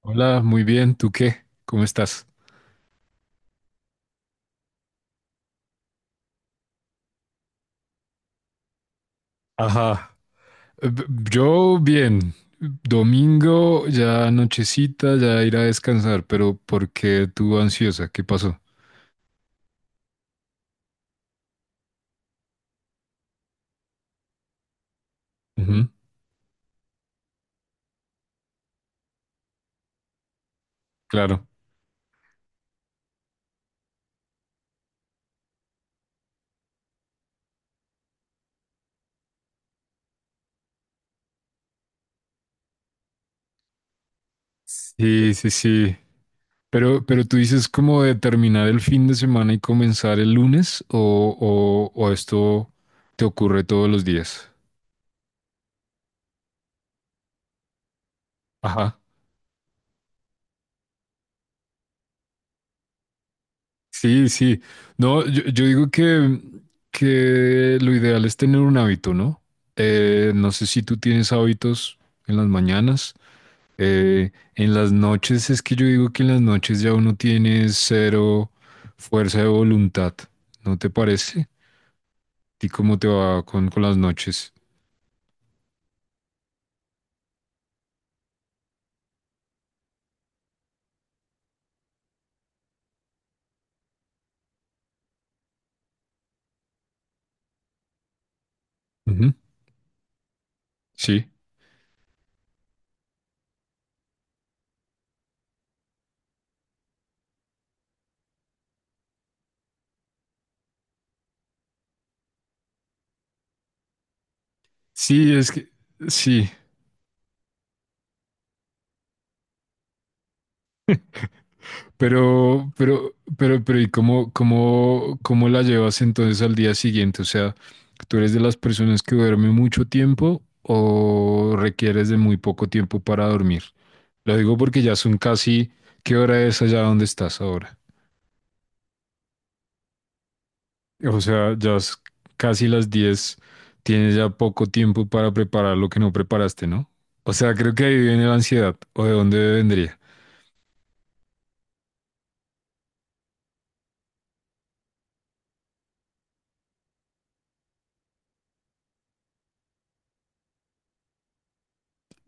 Hola, muy bien. ¿Tú qué? ¿Cómo estás? Ajá. Eh, b- Yo bien. Domingo, ya nochecita, ya ir a descansar, pero ¿por qué tú ansiosa? ¿Qué pasó? Ujú. Claro. Sí, sí, sí. Pero tú dices como de terminar el fin de semana y comenzar el lunes o esto te ocurre todos los días. Ajá. Sí, sí. No, yo digo que lo ideal es tener un hábito, ¿no? No sé si tú tienes hábitos en las mañanas. En las noches es que yo digo que en las noches ya uno tiene cero fuerza de voluntad, ¿no te parece? ¿Y cómo te va con las noches? Ujú. Sí. Sí, es que sí. Pero, ¿y cómo la llevas entonces al día siguiente? O sea, ¿tú eres de las personas que duerme mucho tiempo o requieres de muy poco tiempo para dormir? Lo digo porque ya son casi, ¿qué hora es allá donde estás ahora? O sea, ya es casi las 10. Tienes ya poco tiempo para preparar lo que no preparaste, ¿no? O sea, creo que ahí viene la ansiedad, ¿o de dónde vendría?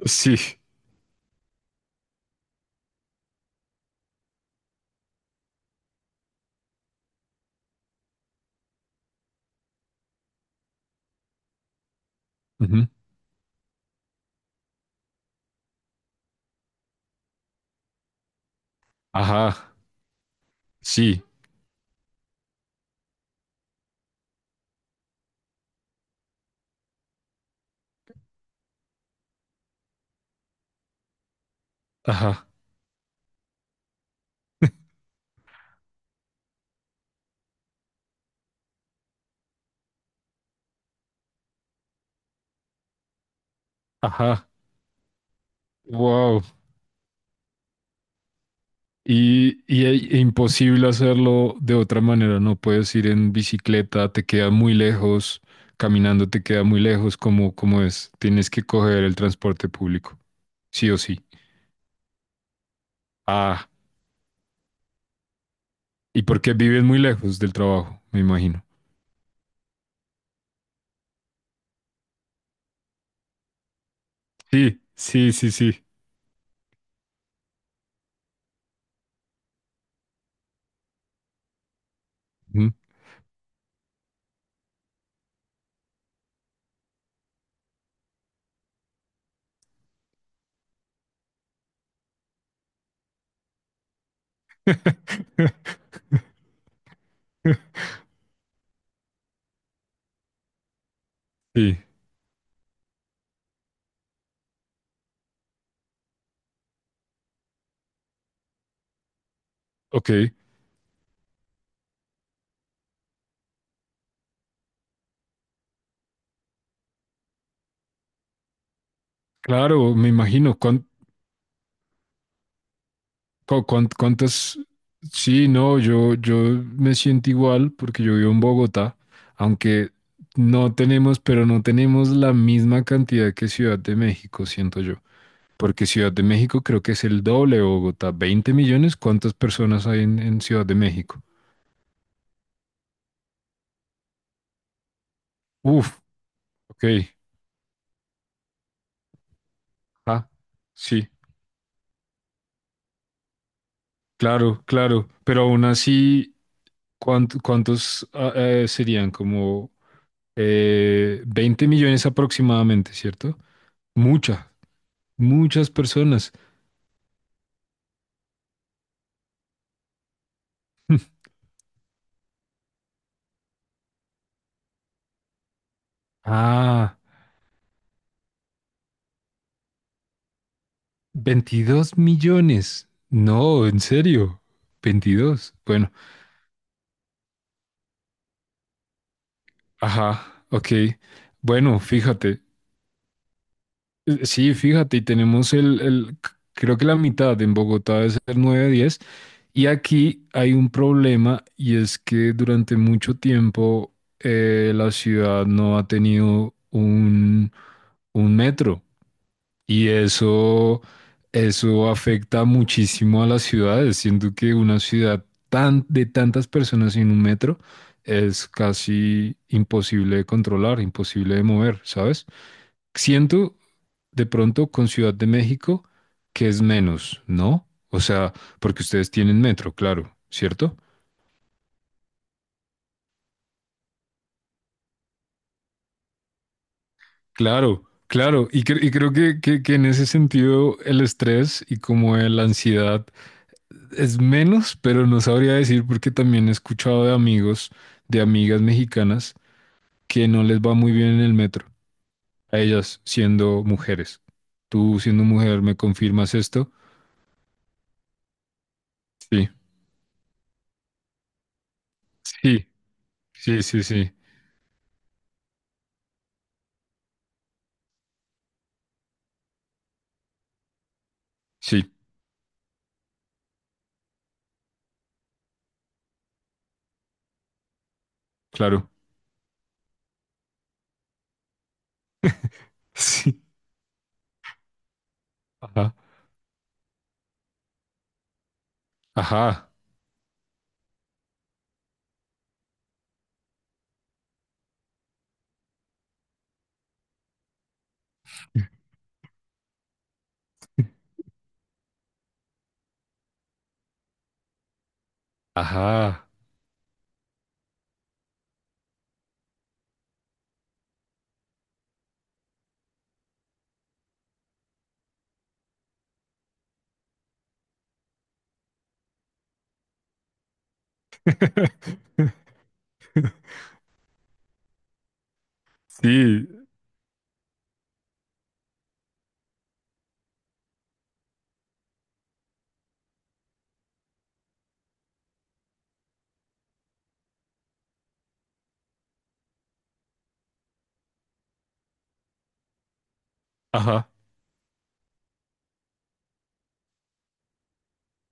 Sí. Ujú. Ajá, sí, ajá, ajá. Wow. E imposible hacerlo de otra manera, no puedes ir en bicicleta, te queda muy lejos, caminando te queda muy lejos, como es, tienes que coger el transporte público, sí o sí. Ah, y porque viven muy lejos del trabajo, me imagino. Sí, sí, sí, sí. Ujú. Sí, ok, claro, me imagino. ¿Cuántas? Sí, no, yo me siento igual porque yo vivo en Bogotá, aunque no tenemos, pero no tenemos la misma cantidad que Ciudad de México, siento yo. Porque Ciudad de México creo que es el doble de Bogotá. ¿20 millones? ¿Cuántas personas hay en Ciudad de México? Uf, ok. Ah, sí, claro, claro. Pero aún así, ¿cuántos serían? Como 20 millones aproximadamente, ¿cierto? Mucha, muchas personas. Ah, 22 millones. No, en serio. 22. Bueno, ajá, ok. Bueno, fíjate. Sí, fíjate, y tenemos creo que la mitad en Bogotá debe ser 9, 10. Y aquí hay un problema y es que durante mucho tiempo la ciudad no ha tenido un metro. Y eso afecta muchísimo a las ciudades. Siento que una ciudad tan, de tantas personas en un metro es casi imposible de controlar, imposible de mover, ¿sabes? Siento de pronto con Ciudad de México que es menos, ¿no? O sea, porque ustedes tienen metro, claro, ¿cierto? Claro, claro. Y creo que en ese sentido el estrés y como la ansiedad es menos, pero no sabría decir porque también he escuchado de amigos, de amigas mexicanas, que no les va muy bien en el metro, a ellas siendo mujeres. Tú siendo mujer, ¿me confirmas esto? Sí, sí, sí, sí, sí, sí, claro. Sí. Ajá, ajá, ajá. Sí, ajá,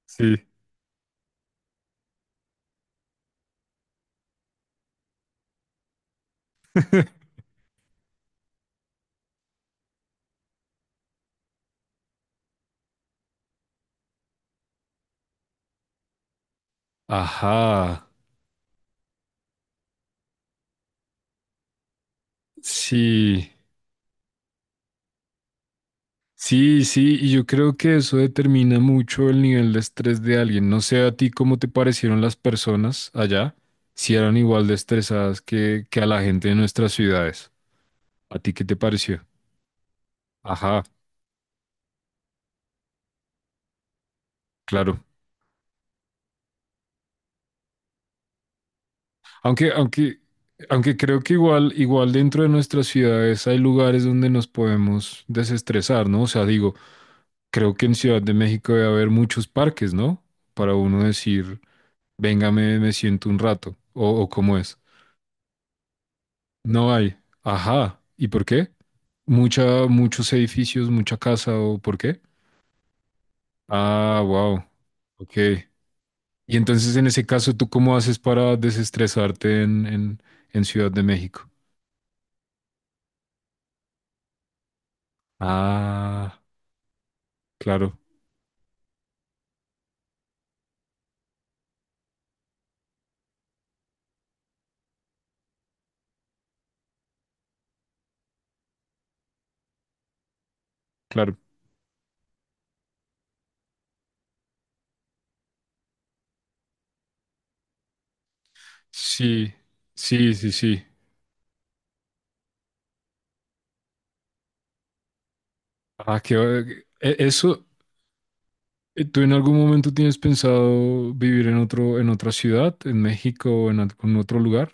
sí. Ajá, sí. Sí, sí, y yo creo que eso determina mucho el nivel de estrés de alguien. No sé a ti cómo te parecieron las personas allá, si eran igual de estresadas que a la gente de nuestras ciudades. ¿A ti qué te pareció? Ajá, claro. Aunque, aunque, aunque creo que igual, igual dentro de nuestras ciudades hay lugares donde nos podemos desestresar, ¿no? O sea, digo, creo que en Ciudad de México debe haber muchos parques, ¿no? Para uno decir, venga, me siento un rato, o cómo es. No hay. Ajá. ¿Y por qué? Muchos edificios, mucha casa, ¿o por qué? Ah, wow. Ok. Y entonces, en ese caso, ¿tú cómo haces para desestresarte en Ciudad de México? Ah, claro, claro. Sí, sí, sí, sí. Ah, que eso. ¿Tú en algún momento tienes pensado vivir en otra ciudad, en México o en algún otro lugar?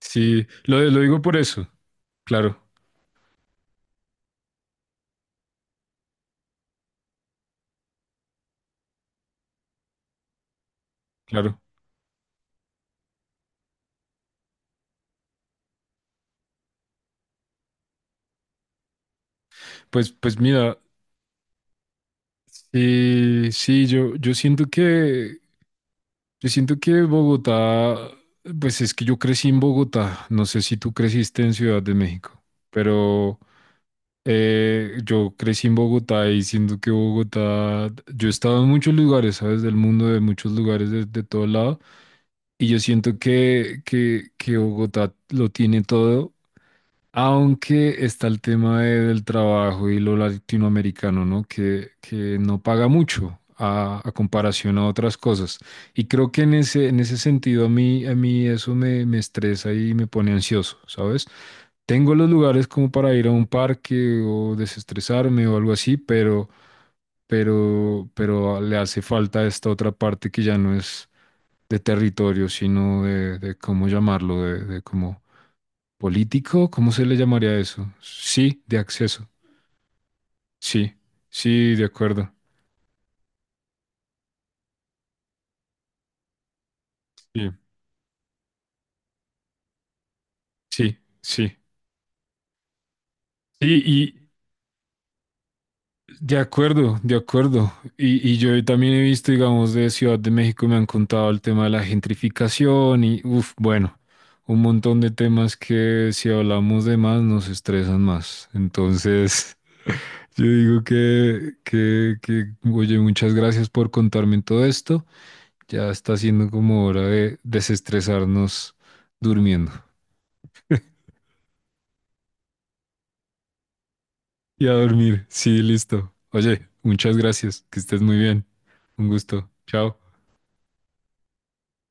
Sí, lo digo por eso. Claro, claro. Pues mira, sí, sí, yo siento que Bogotá, pues es que yo crecí en Bogotá, no sé si tú creciste en Ciudad de México, pero yo crecí en Bogotá y siento que Bogotá, yo he estado en muchos lugares, ¿sabes? Del mundo, de muchos lugares, de todo lado, y yo siento que Bogotá lo tiene todo aunque está el tema del trabajo y lo latinoamericano, ¿no? Que no paga mucho a comparación a otras cosas. Y creo que en ese sentido a mí eso me estresa y me pone ansioso, ¿sabes? Tengo los lugares como para ir a un parque o desestresarme o algo así, pero le hace falta esta otra parte que ya no es de territorio, sino de ¿cómo llamarlo? De cómo. ¿Político? ¿Cómo se le llamaría eso? Sí, de acceso. Sí, sí, de acuerdo. Sí, sí, sí. Sí, y de acuerdo, de acuerdo. Y yo también he visto, digamos, de Ciudad de México, me han contado el tema de la gentrificación y, uff, bueno, un montón de temas que si hablamos de más nos estresan más. Entonces, yo digo oye, muchas gracias por contarme todo esto. Ya está siendo como hora de desestresarnos durmiendo. Y a dormir. Sí, listo. Oye, muchas gracias. Que estés muy bien. Un gusto. Chao.